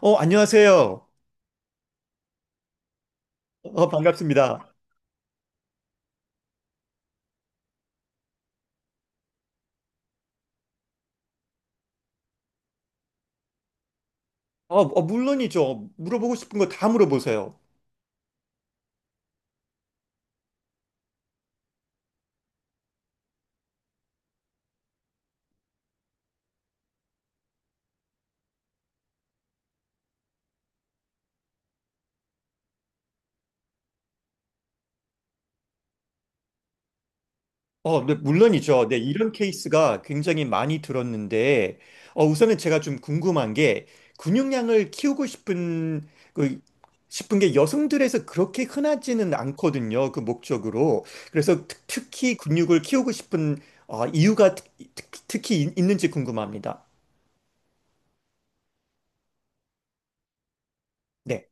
안녕하세요. 반갑습니다. 물론이죠. 물어보고 싶은 거 다 물어보세요. 네, 물론이죠. 네, 이런 케이스가 굉장히 많이 들었는데, 우선은 제가 좀 궁금한 게, 근육량을 키우고 싶은, 그, 싶은 게 여성들에서 그렇게 흔하지는 않거든요. 그 목적으로. 그래서 특히 근육을 키우고 싶은, 이유가 특히 있는지 궁금합니다. 네.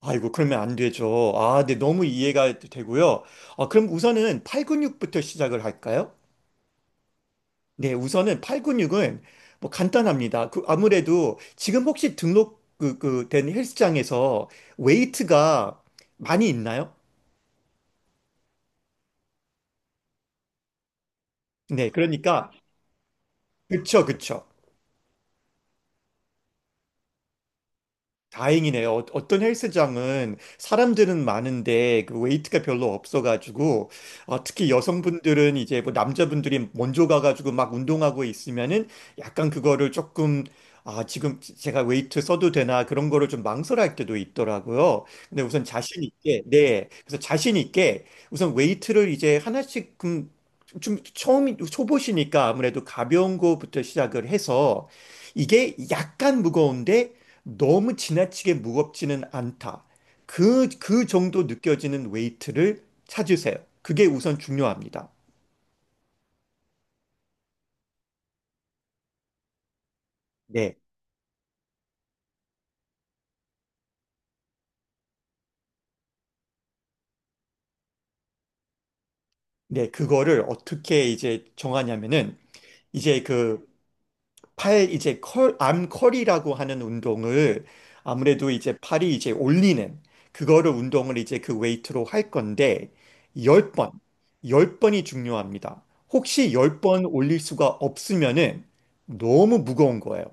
아이고, 그러면 안 되죠. 아, 네, 너무 이해가 되고요. 아, 그럼 우선은 팔근육부터 시작을 할까요? 네, 우선은 팔근육은 뭐 간단합니다. 그 아무래도 지금 혹시 등록 그 된 헬스장에서 웨이트가 많이 있나요? 네, 그러니까 그쵸. 다행이네요. 어떤 헬스장은 사람들은 많은데 그 웨이트가 별로 없어가지고, 특히 여성분들은 이제 뭐 남자분들이 먼저 가가지고 막 운동하고 있으면은 약간 그거를 조금, 아 지금 제가 웨이트 써도 되나 그런 거를 좀 망설일 때도 있더라고요. 근데 우선 자신 있게, 네, 그래서 자신 있게 우선 웨이트를 이제 하나씩 좀, 좀 처음 초보시니까 아무래도 가벼운 거부터 시작을 해서 이게 약간 무거운데 너무 지나치게 무겁지는 않다. 그 정도 느껴지는 웨이트를 찾으세요. 그게 우선 중요합니다. 네. 네, 그거를 어떻게 이제 정하냐면은 이제 그 팔 이제 암 컬이라고 하는 운동을 아무래도 이제 팔이 이제 올리는 그거를 운동을 이제 그 웨이트로 할 건데 10번, 10번이 중요합니다. 혹시 10번 올릴 수가 없으면은 너무 무거운 거예요.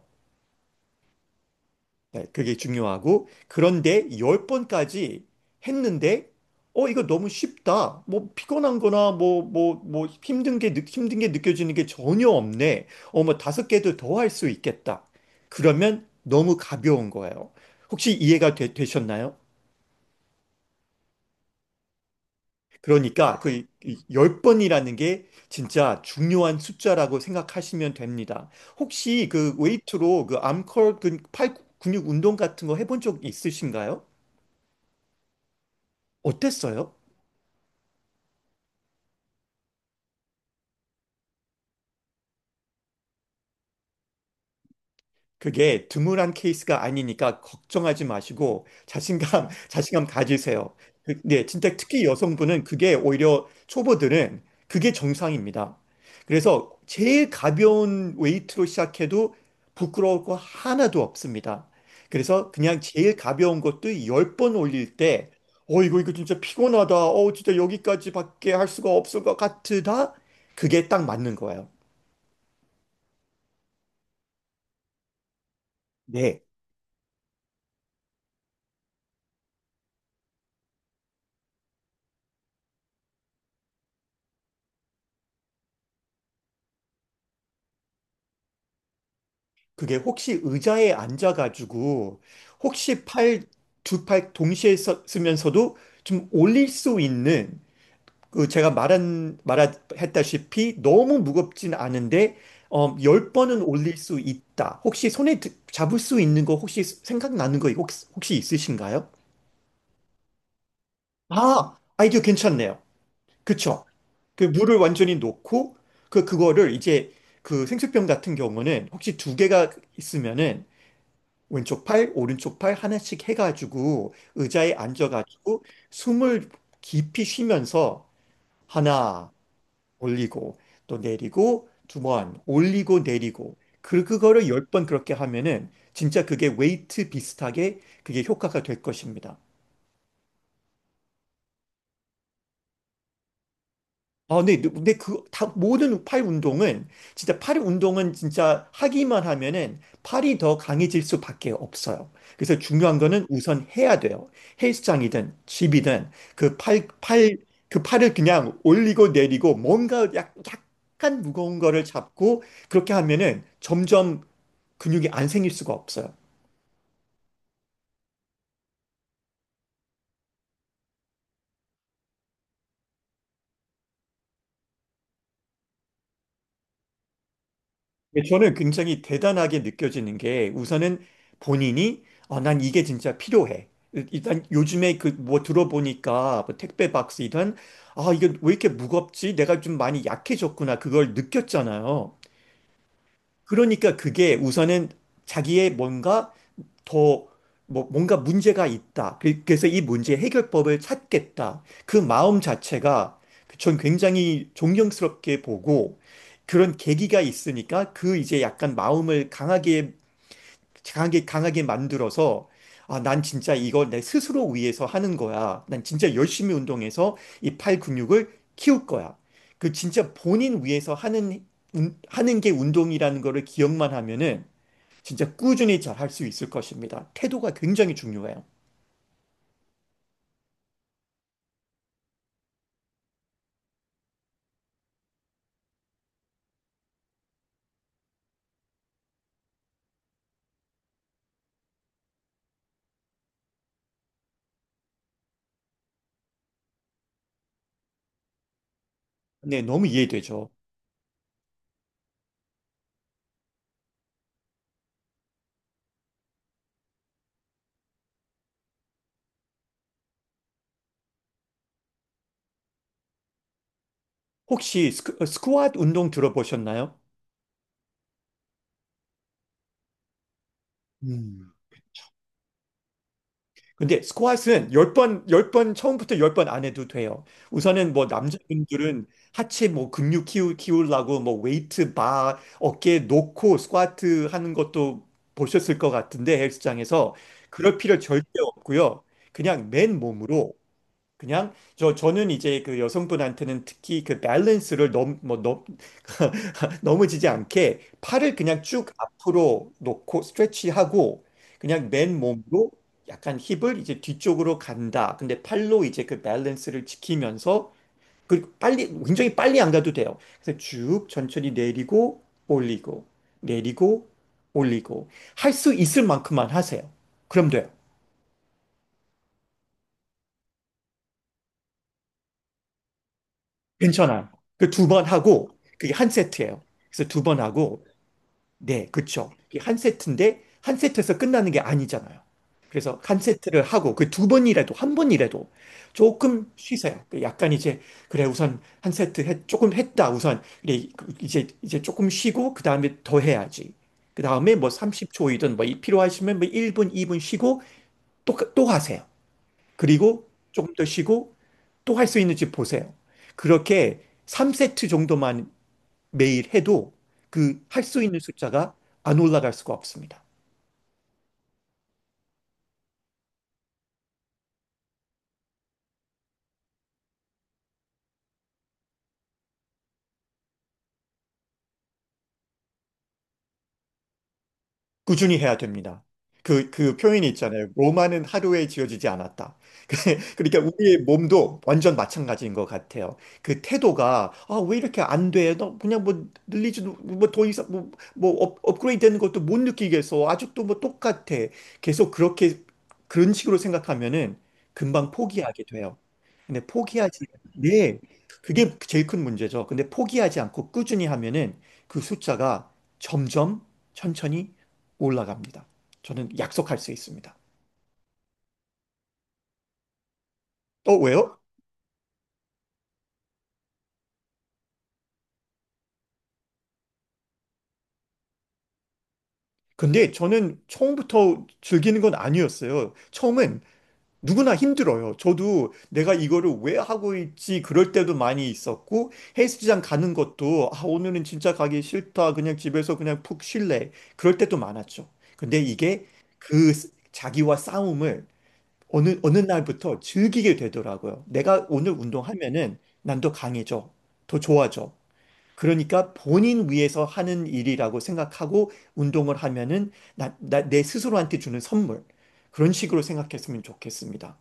네, 그게 중요하고 그런데 열번까지 했는데 어 이거 너무 쉽다. 뭐 피곤한 거나 뭐 힘든 게 힘든 게 느껴지는 게 전혀 없네. 어 뭐 다섯 개도 더 할 수 있겠다. 그러면 너무 가벼운 거예요. 혹시 이해가 되셨나요? 그러니까 그 열번이라는게 진짜 중요한 숫자라고 생각하시면 됩니다. 혹시 그 웨이트로 그 암컬 그 팔 근육 운동 같은 거 해본 적 있으신가요? 어땠어요? 그게 드물한 케이스가 아니니까 걱정하지 마시고 자신감, 자신감 가지세요. 네, 진짜 특히 여성분은 그게 오히려 초보들은 그게 정상입니다. 그래서 제일 가벼운 웨이트로 시작해도 부끄러울 거 하나도 없습니다. 그래서 그냥 제일 가벼운 것도 10번 올릴 때, 어, 이거 진짜 피곤하다. 어, 진짜 여기까지밖에 할 수가 없을 것 같으다. 그게 딱 맞는 거예요. 네. 그게 혹시 의자에 앉아가지고 혹시 팔, 두 팔 동시에 쓰면서도 좀 올릴 수 있는 그 제가 말했다시피 너무 무겁진 않은데 어, 열 번은 올릴 수 있다. 혹시 손에 잡을 수 있는 거 혹시 생각나는 거 혹시 있으신가요? 아, 아이디어 괜찮네요. 그쵸? 그 물을 완전히 놓고 그거를 이제 그 생수병 같은 경우는 혹시 두 개가 있으면은 왼쪽 팔, 오른쪽 팔 하나씩 해가지고 의자에 앉아가지고 숨을 깊이 쉬면서 하나 올리고 또 내리고 두 번 올리고 내리고 그 그거를 10번 그렇게 하면은 진짜 그게 웨이트 비슷하게 그게 효과가 될 것입니다. 아, 네, 근데 모든 팔 운동은, 진짜 팔 운동은 진짜 하기만 하면은 팔이 더 강해질 수밖에 없어요. 그래서 중요한 거는 우선 해야 돼요. 헬스장이든 집이든 그 그 팔을 그냥 올리고 내리고 뭔가 약간 무거운 거를 잡고 그렇게 하면은 점점 근육이 안 생길 수가 없어요. 근데 저는 굉장히 대단하게 느껴지는 게 우선은 본인이, 아, 난 이게 진짜 필요해. 일단 요즘에 그 뭐 들어보니까 뭐 택배 박스이던 아, 이게 왜 이렇게 무겁지? 내가 좀 많이 약해졌구나. 그걸 느꼈잖아요. 그러니까 그게 우선은 자기의 뭔가 더 뭔가 문제가 있다. 그래서 이 문제 해결법을 찾겠다. 그 마음 자체가 전 굉장히 존경스럽게 보고 그런 계기가 있으니까 그 이제 약간 마음을 강하게 강하게 만들어서, 아, 난 진짜 이걸 내 스스로 위해서 하는 거야. 난 진짜 열심히 운동해서 이 팔 근육을 키울 거야. 그 진짜 본인 위해서 하는, 하는 게 운동이라는 거를 기억만 하면은 진짜 꾸준히 잘 할 수 있을 것입니다. 태도가 굉장히 중요해요. 네, 너무 이해되죠. 혹시 스쿼트 운동 들어보셨나요? 음. 근데 스쿼트는 열 번 처음부터 10번 안 해도 돼요. 우선은 뭐 남자분들은 하체 뭐 근육 키우려고 뭐 웨이트 바 어깨 놓고 스쿼트 하는 것도 보셨을 것 같은데 헬스장에서 그럴 필요 절대 없고요. 그냥 맨몸으로 그냥 저는 이제 그 여성분한테는 특히 그 밸런스를 너무 뭐너 넘어지지 않게 팔을 그냥 쭉 앞으로 놓고 스트레치하고 그냥 맨 몸으로 약간 힙을 이제 뒤쪽으로 간다. 근데 팔로 이제 그 밸런스를 지키면서 그리고 빨리 굉장히 빨리 안 가도 돼요. 그래서 쭉 천천히 내리고 올리고 내리고 올리고 할 수 있을 만큼만 하세요. 그럼 돼요. 괜찮아요. 그 두 번 하고 그게 한 세트예요. 그래서 두 번 하고 네, 그쵸. 이게 한 세트인데 한 세트에서 끝나는 게 아니잖아요. 그래서 한 세트를 하고 그 두 번이라도 한 번이라도 조금 쉬세요. 그 약간 이제 그래 우선 한 세트 조금 했다 우선 그래 이제 조금 쉬고 그 다음에 더 해야지. 그 다음에 뭐 30초이든 뭐 필요하시면 뭐 1분, 2분 쉬고 또 하세요. 그리고 조금 더 쉬고 또 할 수 있는지 보세요. 그렇게 3세트 정도만 매일 해도 그 할 수 있는 숫자가 안 올라갈 수가 없습니다. 꾸준히 해야 됩니다. 그 표현이 있잖아요. 로마는 하루에 지어지지 않았다. 그러니까 우리의 몸도 완전 마찬가지인 것 같아요. 그 태도가, 아, 왜 이렇게 안 돼? 너 그냥 뭐 늘리지도, 뭐 더 이상, 뭐, 뭐 업그레이드 되는 것도 못 느끼겠어. 아직도 뭐 똑같아. 계속 그렇게, 그런 식으로 생각하면은 금방 포기하게 돼요. 근데 포기하지, 네. 그게 제일 큰 문제죠. 근데 포기하지 않고 꾸준히 하면은 그 숫자가 점점 천천히 올라갑니다. 저는 약속할 수 있습니다. 어, 왜요? 근데 저는 처음부터 즐기는 건 아니었어요. 처음엔 누구나 힘들어요. 저도 내가 이거를 왜 하고 있지 그럴 때도 많이 있었고 헬스장 가는 것도 아, 오늘은 진짜 가기 싫다. 그냥 집에서 그냥 푹 쉴래. 그럴 때도 많았죠. 근데 이게 그 자기와 싸움을 어느 날부터 즐기게 되더라고요. 내가 오늘 운동하면은 난 더 강해져. 더 좋아져. 그러니까 본인 위해서 하는 일이라고 생각하고 운동을 하면은 내 스스로한테 주는 선물. 그런 식으로 생각했으면 좋겠습니다.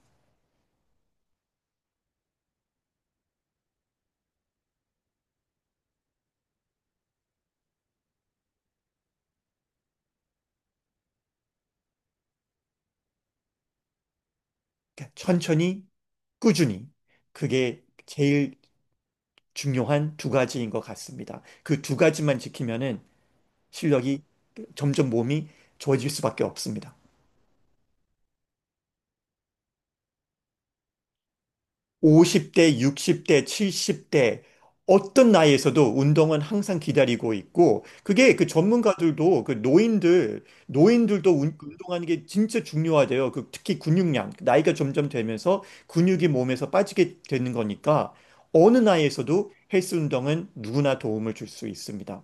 그러니까 천천히, 꾸준히. 그게 제일 중요한 두 가지인 것 같습니다. 그 두 가지만 지키면은 실력이 점점 몸이 좋아질 수밖에 없습니다. 50대, 60대, 70대 어떤 나이에서도 운동은 항상 기다리고 있고 그게 그 전문가들도 그 노인들도 운동하는 게 진짜 중요하대요. 그 특히 근육량 나이가 점점 되면서 근육이 몸에서 빠지게 되는 거니까 어느 나이에서도 헬스 운동은 누구나 도움을 줄 수 있습니다.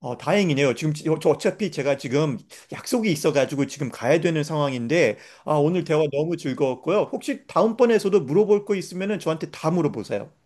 어, 다행이네요. 지금 저 어차피 제가 지금 약속이 있어가지고 지금 가야 되는 상황인데, 아, 오늘 대화 너무 즐거웠고요. 혹시 다음번에서도 물어볼 거 있으면은 저한테 다 물어보세요.